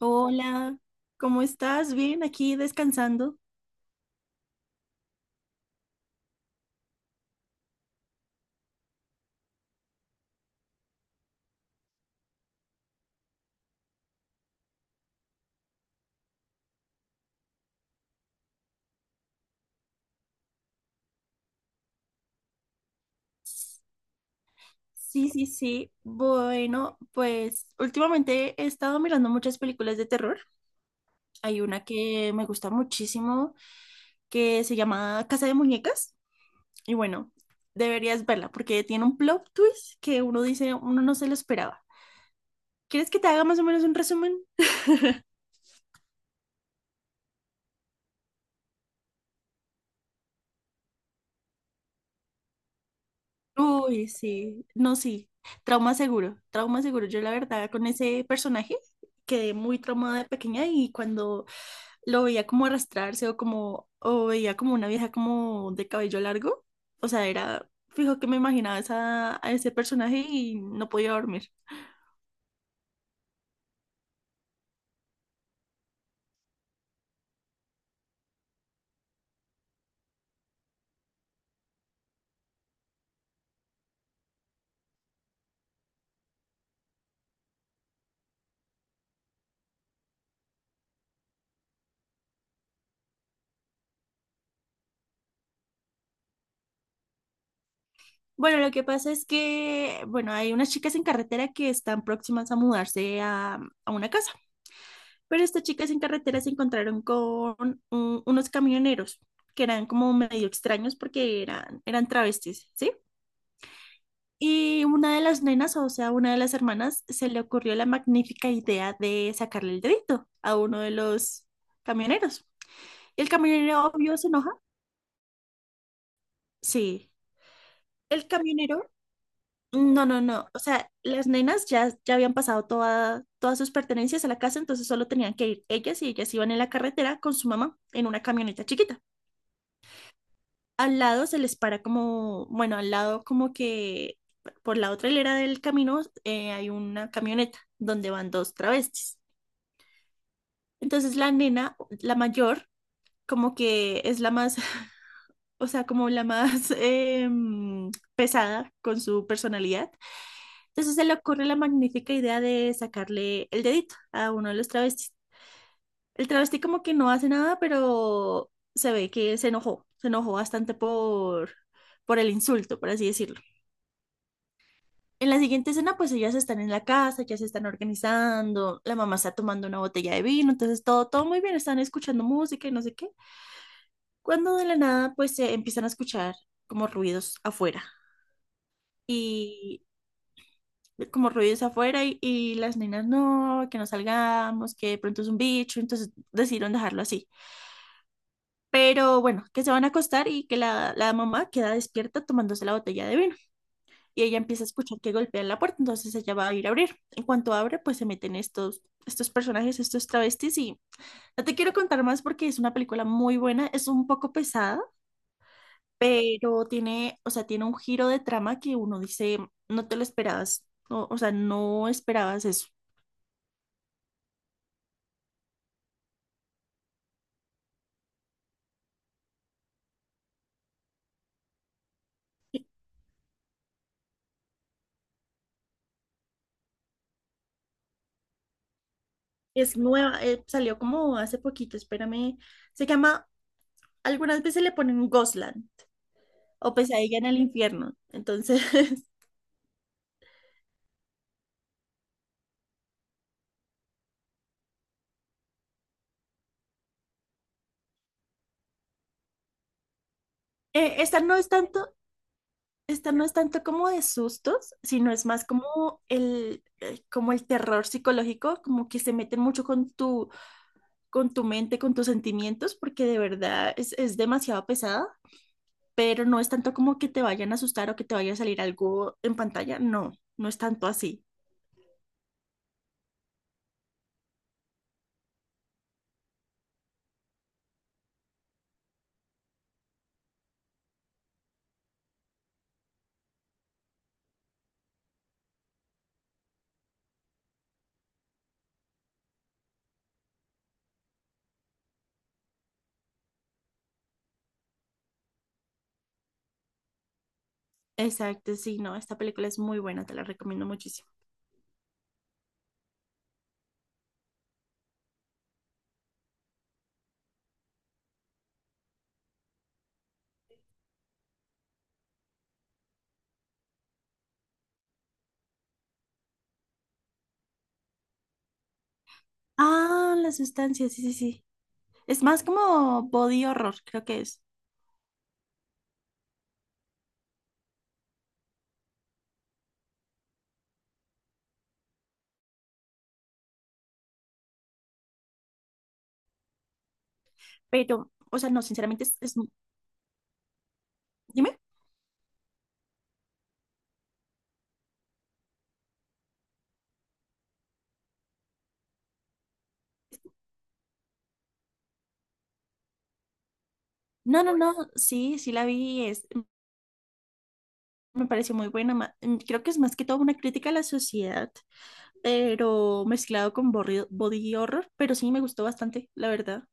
Hola, ¿cómo estás? Bien, aquí descansando. Sí, sí, sí. Bueno, pues últimamente he estado mirando muchas películas de terror. Hay una que me gusta muchísimo que se llama Casa de Muñecas. Y bueno, deberías verla porque tiene un plot twist que uno dice, uno no se lo esperaba. ¿Quieres que te haga más o menos un resumen? Uy, sí, no, sí, trauma seguro, trauma seguro. Yo la verdad con ese personaje quedé muy traumada de pequeña y cuando lo veía como arrastrarse o como, o veía como una vieja como de cabello largo, o sea, era, fijo que me imaginaba esa, a ese personaje y no podía dormir. Bueno, lo que pasa es que, bueno, hay unas chicas en carretera que están próximas a mudarse a una casa. Pero estas chicas en carretera se encontraron con unos camioneros que eran como medio extraños porque eran, eran travestis, ¿sí? Y una de las nenas, o sea, una de las hermanas, se le ocurrió la magnífica idea de sacarle el dedito a uno de los camioneros. Y el camionero, obvio, se enoja. Sí. El camionero, no, no, no. O sea, las nenas ya, ya habían pasado toda, todas sus pertenencias a la casa, entonces solo tenían que ir ellas y ellas iban en la carretera con su mamá en una camioneta chiquita. Al lado se les para como, bueno, al lado como que por la otra hilera del camino hay una camioneta donde van dos travestis. Entonces la nena, la mayor, como que es la más, o sea, como la más pesada con su personalidad. Entonces se le ocurre la magnífica idea de sacarle el dedito a uno de los travestis. El travesti como que no hace nada, pero se ve que se enojó bastante por el insulto, por así decirlo. En la siguiente escena, pues ellas están en la casa, ya se están organizando, la mamá está tomando una botella de vino, entonces todo, todo muy bien, están escuchando música y no sé qué. Cuando de la nada, pues se empiezan a escuchar como ruidos afuera y como ruidos afuera y las nenas no, que no salgamos, que de pronto es un bicho, entonces decidieron dejarlo así. Pero bueno, que se van a acostar y que la mamá queda despierta tomándose la botella de vino. Y ella empieza a escuchar que golpean la puerta, entonces ella va a ir a abrir. En cuanto abre, pues se meten estos, estos personajes, estos travestis y no te quiero contar más porque es una película muy buena, es un poco pesada, pero tiene, o sea, tiene un giro de trama que uno dice, no te lo esperabas, no, o sea, no esperabas eso. Es nueva, salió como hace poquito, espérame, se llama, algunas veces le ponen Gosland o pesadilla en el infierno, entonces… esta no es tanto. Esta no es tanto como de sustos, sino es más como el terror psicológico, como que se meten mucho con tu mente, con tus sentimientos, porque de verdad es demasiado pesada, pero no es tanto como que te vayan a asustar o que te vaya a salir algo en pantalla, no, no es tanto así. Exacto, sí, no, esta película es muy buena, te la recomiendo muchísimo. Ah, la sustancia, sí, sí, sí. Es más como body horror, creo que es. Pero, o sea, no, sinceramente es… dime. No, no, no, sí, sí la vi, es, me pareció muy buena. Creo que es más que todo una crítica a la sociedad, pero mezclado con body horror, pero sí me gustó bastante, la verdad.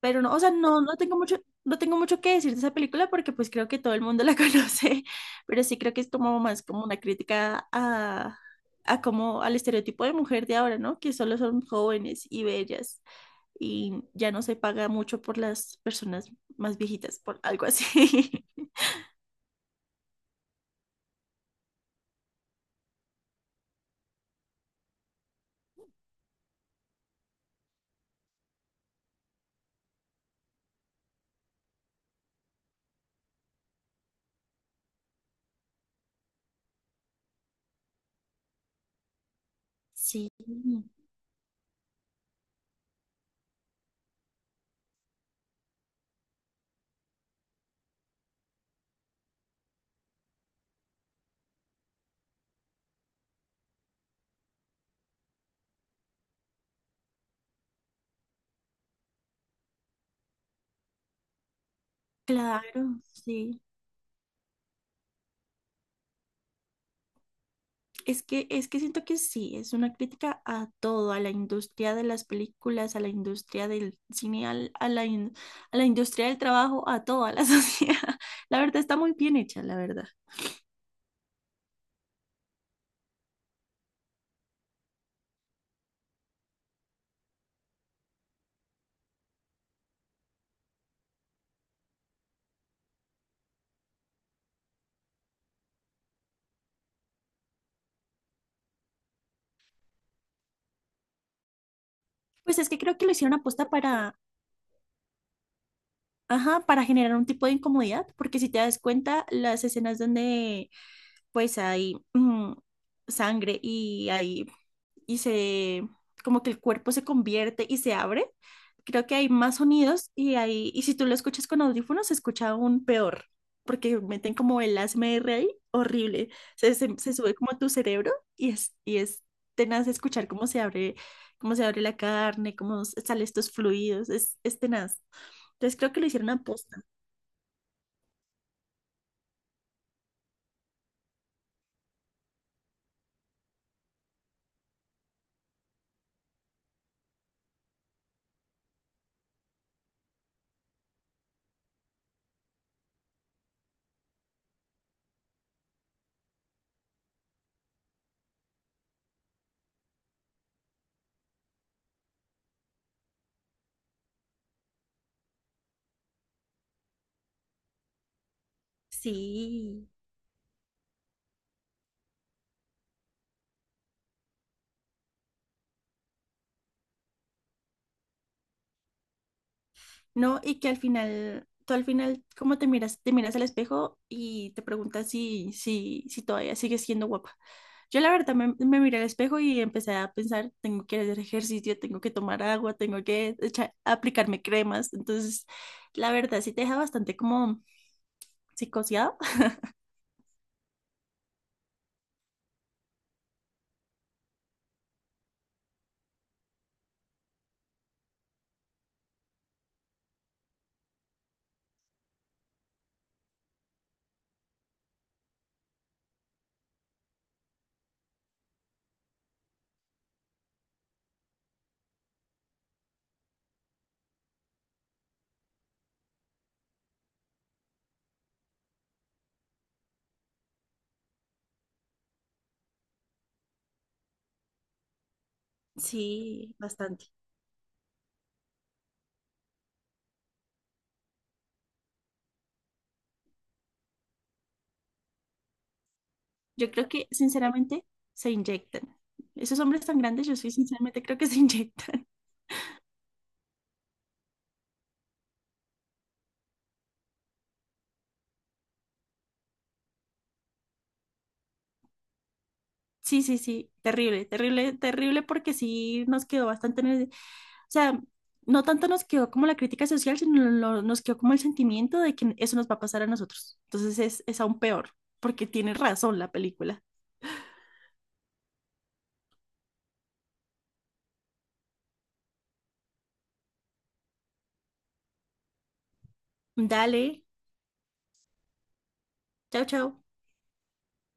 Pero no, o sea, no, no tengo mucho, no tengo mucho que decir de esa película porque pues creo que todo el mundo la conoce, pero sí creo que es como más como una crítica a como al estereotipo de mujer de ahora, ¿no? Que solo son jóvenes y bellas y ya no se paga mucho por las personas más viejitas, por algo así. Sí, claro, sí. Es que siento que sí, es una crítica a todo, a la industria de las películas, a la industria del cine, a la industria del trabajo, a toda la sociedad. La verdad está muy bien hecha, la verdad. Pues es que creo que lo hicieron aposta para, ajá, para generar un tipo de incomodidad, porque si te das cuenta, las escenas donde pues hay sangre y hay, y se, como que el cuerpo se convierte y se abre. Creo que hay más sonidos y hay, y si tú lo escuchas con audífonos, se escucha aún peor, porque meten como el ASMR ahí, horrible. Se sube como a tu cerebro y es tenaz escuchar cómo se abre la carne, salen estos fluidos, es tenaz. Entonces creo que lo hicieron a posta. Sí. No, y que al final, tú al final, ¿cómo te miras? Te miras al espejo y te preguntas si, si, si todavía sigues siendo guapa. Yo la verdad me, me miré al espejo y empecé a pensar, tengo que hacer ejercicio, tengo que tomar agua, tengo que aplicarme cremas. Entonces, la verdad sí te deja bastante como psicoseado. Sí, bastante. Yo creo que sinceramente se inyectan. Esos hombres tan grandes, yo soy sinceramente creo que se inyectan. Sí, sí, sí, terrible, terrible, terrible porque sí nos quedó bastante en el- O sea, no tanto nos quedó como la crítica social, sino nos quedó como el sentimiento de que eso nos va a pasar a nosotros. Entonces es aún peor, porque tiene razón la película. Dale, chao, chao.